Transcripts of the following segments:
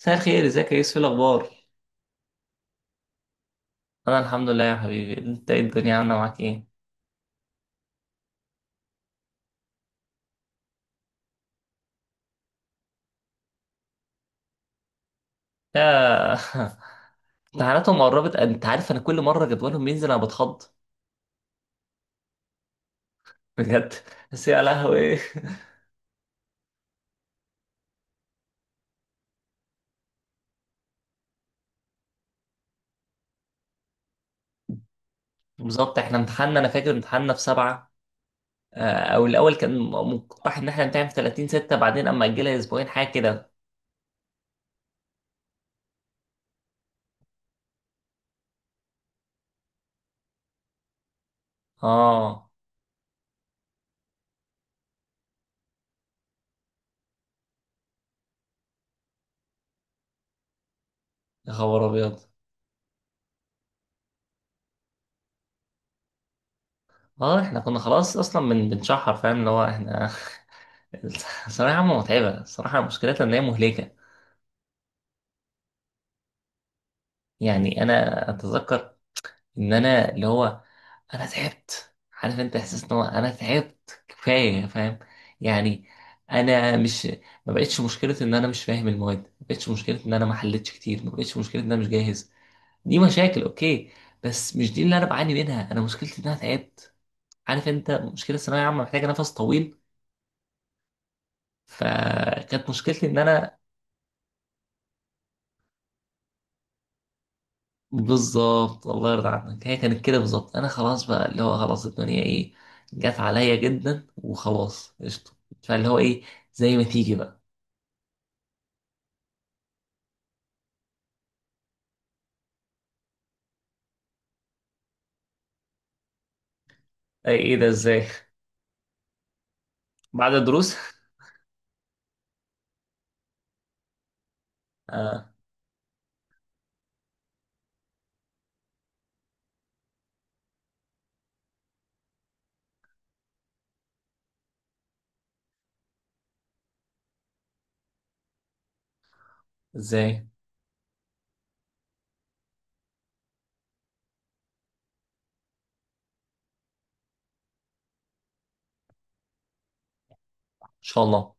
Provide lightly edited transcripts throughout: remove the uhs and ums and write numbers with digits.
مساء الخير، ازيك يا يوسف؟ إيه الاخبار؟ انا الحمد لله يا حبيبي. انت ايه؟ الدنيا عامله معاك ايه؟ يا امتحاناتهم قربت. انت عارف، انا كل مره جدولهم بينزل انا بتخض. بجد. بس يا لهوي، ايه؟ بالظبط. احنا امتحاننا، انا فاكر امتحاننا في 7. او الاول كان مقترح ان احنا نمتحن في 30/6، بعدين اما اجلها اسبوعين، حاجه كده. اه، يا خبر ابيض! اه، احنا كنا خلاص اصلا من بنشحر، فاهم؟ اللي هو احنا الصراحه، عامه متعبه. الصراحه مشكلتها ان هي مهلكه. يعني انا اتذكر ان انا اللي هو، انا تعبت. عارف انت احساس ان هو انا تعبت كفايه؟ فاهم؟ يعني انا مش ما بقتش مشكله ان انا مش فاهم المواد، ما بقتش مشكله ان انا ما حلتش كتير، ما بقتش مشكله ان انا مش جاهز. دي مشاكل، اوكي، بس مش دي اللي انا بعاني منها. انا مشكلتي ان انا تعبت. عارف انت، مشكله الثانويه عامه محتاجه نفس طويل. فكانت مشكلتي ان انا بالظبط. الله يرضى عنك. هي كانت كده بالظبط. انا خلاص بقى، اللي هو خلاص، الدنيا ايه جت عليا جدا، وخلاص قشطه. فاللي هو ايه، زي ما تيجي بقى. اي، ايه ده؟ ازاي؟ بعد الدروس. آه، ازاي ان شاء الله.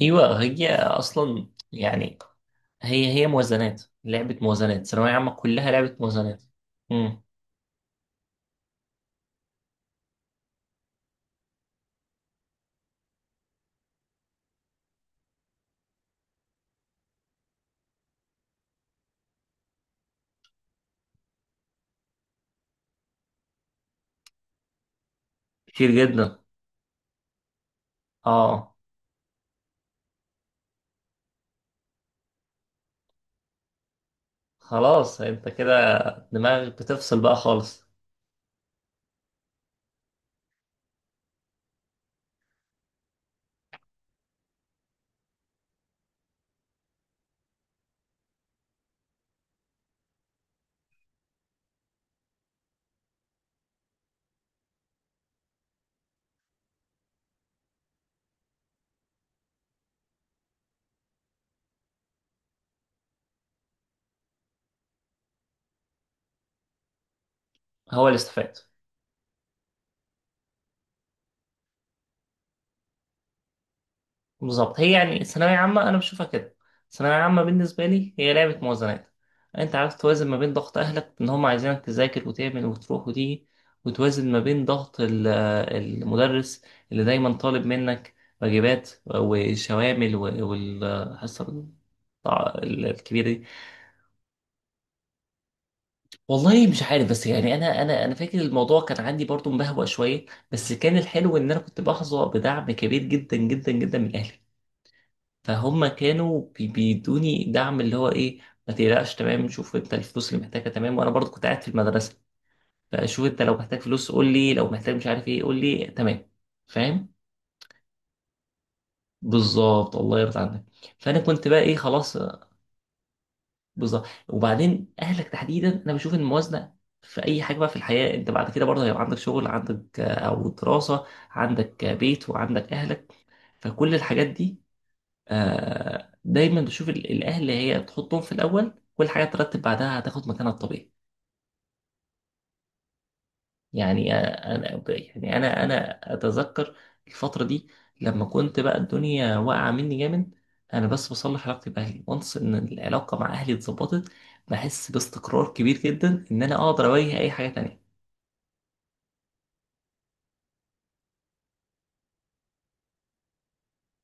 ايوه، هي اصلا يعني هي موازنات. لعبه موازنات. ثانويه عامه كلها لعبه موازنات. امم. كتير جدا. اه، خلاص انت كده، دماغك بتفصل بقى خالص. هو اللي استفاد. بالظبط، هي يعني الثانوية عامة أنا بشوفها كده. الثانوية عامة بالنسبة لي هي لعبة موازنات. أنت عارف، توازن ما بين ضغط أهلك إن هم عايزينك تذاكر وتعمل وتروح وتيجي، وتوازن ما بين ضغط المدرس، اللي دايما طالب منك واجبات وشوامل والحصة الكبيرة دي. والله مش عارف، بس يعني أنا فاكر الموضوع كان عندي برضو مبهوة شوية. بس كان الحلو إن أنا كنت بحظى بدعم كبير جدا جدا جدا من أهلي. فهم كانوا بيدوني دعم اللي هو ايه، ما تقلقش، تمام؟ شوف انت الفلوس اللي محتاجها، تمام؟ وانا برضو كنت قاعد في المدرسه. فشوف انت لو محتاج فلوس قول لي، لو محتاج مش عارف ايه قول لي، تمام؟ فاهم؟ بالظبط، الله يرضى عنك. فانا كنت بقى ايه، خلاص. بالظبط. وبعدين اهلك تحديدا، انا بشوف ان الموازنه في اي حاجه بقى في الحياه، انت بعد كده برضه هيبقى عندك شغل، عندك او دراسه، عندك بيت، وعندك اهلك. فكل الحاجات دي، دايما بشوف الاهل هي تحطهم في الاول، كل حاجه ترتب بعدها هتاخد مكانها الطبيعي. يعني انا يعني انا اتذكر الفتره دي، لما كنت بقى الدنيا واقعه مني جامد، انا بس بصلح علاقتي باهلي، وانس ان العلاقه مع اهلي اتظبطت، بحس باستقرار كبير جدا ان انا اقدر اواجه اي حاجه تانية.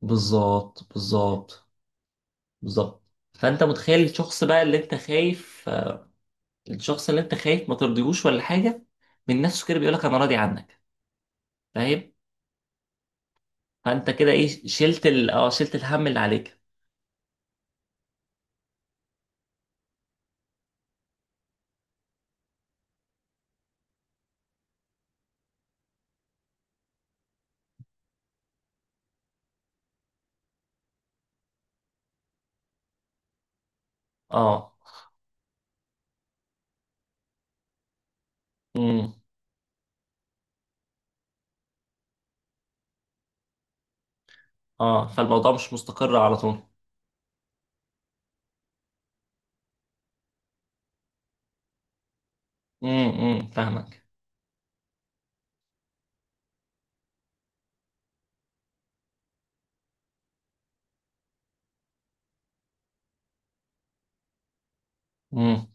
بالظبط، بالظبط، بالظبط. فانت متخيل الشخص بقى اللي انت خايف الشخص اللي انت خايف ما ترضيهوش ولا حاجه، من نفسه كده بيقولك انا راضي عنك. فاهم؟ فانت كده ايه، شلت الهم اللي عليك. اه. امم. اه. فالموضوع مش مستقر على طول. امم، امم، فاهمك. امم.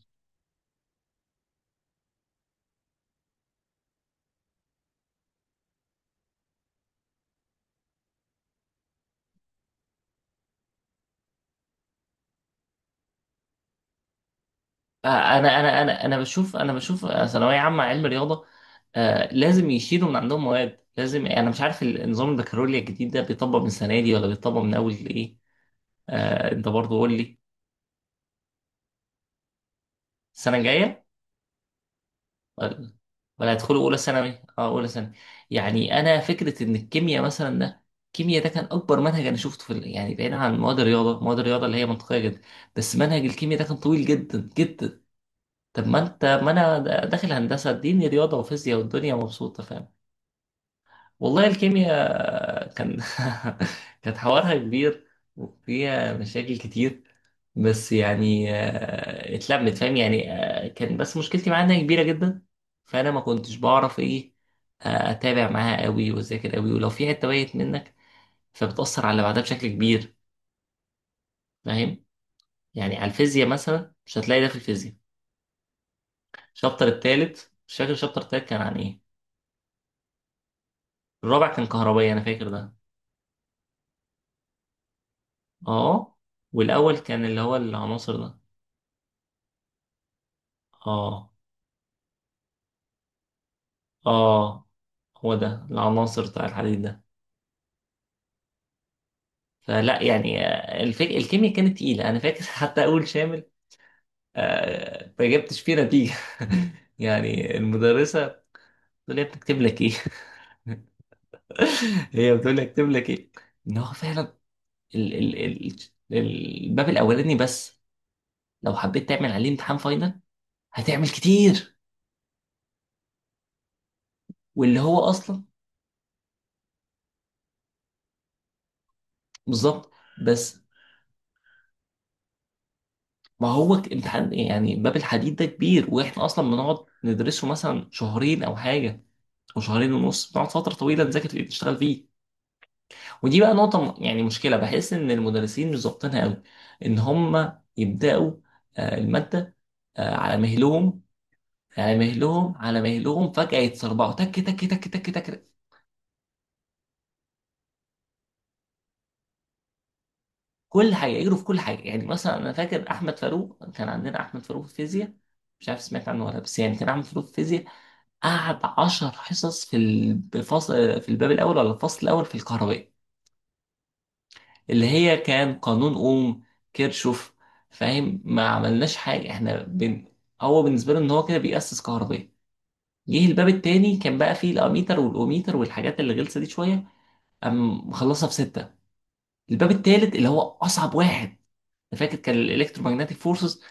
آه. انا بشوف، انا بشوف ثانويه عامه علم رياضه. آه، لازم يشيلوا من عندهم مواد. لازم يعني، انا مش عارف النظام البكالوريا الجديد ده بيطبق من السنه دي، ولا بيطبق من اول ايه؟ آه، انت برضو قول لي. السنه الجايه. ولا ولا هيدخلوا اولى ثانوي؟ اه، اولى ثانوي. يعني انا فكره ان الكيمياء مثلا، ده الكيمياء ده كان اكبر منهج انا شفته في يعني بعيدا عن مواد الرياضه. مواد الرياضه اللي هي منطقيه جدا. بس منهج الكيمياء ده كان طويل جدا جدا. طب ما انا داخل هندسه، اديني رياضه وفيزياء والدنيا مبسوطه، فاهم؟ والله الكيمياء كان كانت حوارها كبير، وفيها مشاكل كتير. بس يعني اتلمت، فاهم؟ يعني كان بس مشكلتي معاها انها كبيره جدا. فانا ما كنتش بعرف ايه اتابع معاها قوي واذاكر قوي، ولو في حته بايت منك فبتاثر على اللي بعدها بشكل كبير. فاهم؟ يعني على الفيزياء مثلا مش هتلاقي ده في الفيزياء. الشابتر التالت مش فاكر، الشابتر التالت كان عن ايه؟ الرابع كان كهربائي، انا فاكر ده. اه، والاول كان اللي هو العناصر ده. اه، اه، هو ده العناصر بتاع الحديد ده. فلا يعني الكيمياء كانت تقيلة، أنا فاكر. حتى أول شامل، ما جبتش فيه نتيجة. يعني المدرسة بتقول لي، يا ابني اكتب لك إيه؟ هي بتقول لي اكتب لك إيه؟ إن هو فعلا ال... ال... ال... الباب الأولاني بس، لو حبيت تعمل عليه امتحان فاينل هتعمل كتير. واللي هو أصلا بالظبط. بس ما هو امتحان، يعني باب الحديد ده كبير، واحنا اصلا بنقعد ندرسه مثلا شهرين او حاجه، او شهرين ونص، بنقعد فتره طويله نذاكر فيه، نشتغل فيه. ودي بقى نقطة يعني مشكلة بحس إن المدرسين مش ظابطينها قوي. إن هم يبدأوا المادة على مهلهم، على مهلهم، على مهلهم، فجأة يتسربعوا تك تك تك تك تك. كل حاجة يجروا في كل حاجة. يعني مثلا أنا فاكر أحمد فاروق، كان عندنا أحمد فاروق في الفيزياء. مش عارف سمعت عنه ولا لأ، بس يعني كان أحمد فاروق في الفيزياء، قعد 10 حصص في الفصل، في الباب الأول ولا الفصل الأول في الكهرباء، اللي هي كان قانون اوم، كيرشوف. فاهم؟ ما عملناش حاجه، احنا هو بالنسبه له ان هو كده بيأسس كهربية. جه الباب التاني كان بقى فيه الاميتر والاوميتر والحاجات اللي غلسه دي شويه، قام مخلصها بسته! الباب التالت اللي هو اصعب واحد، انا فاكر كان الالكترومagnetic فورسز،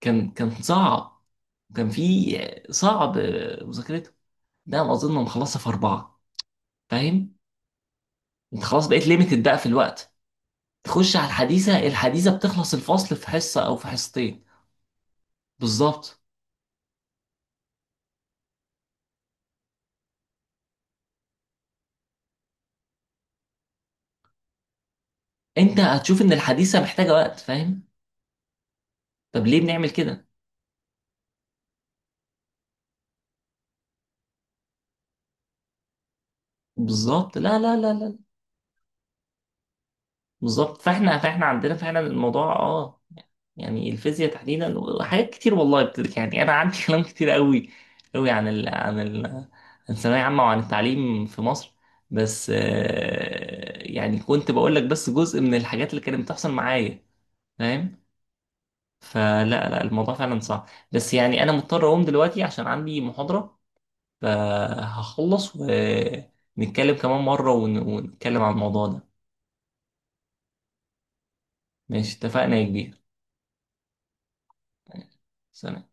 كان صعب. كان فيه صعب مذاكرته. ده انا اظن مخلصها في 4. فاهم؟ انت خلاص بقيت ليميتد بقى في الوقت، تخش على الحديثه، الحديثه بتخلص الفصل في حصه او في حصتين. بالظبط. انت هتشوف ان الحديثه محتاجه وقت، فاهم؟ طب ليه بنعمل كده؟ بالظبط، لا لا لا لا. بالظبط. فاحنا عندنا فعلا الموضوع، اه. يعني الفيزياء تحديدا وحاجات كتير، والله يعني انا عندي كلام كتير قوي قوي، عن الثانويه عامه وعن التعليم في مصر. بس يعني كنت بقول لك بس جزء من الحاجات اللي كانت بتحصل معايا. فاهم؟ فلا، لا، الموضوع فعلا صعب، بس يعني انا مضطر اقوم دلوقتي عشان عندي محاضره. فهخلص ونتكلم كمان مرة ونتكلم عن الموضوع ده. ماشي، اتفقنا يا كبير. سلام.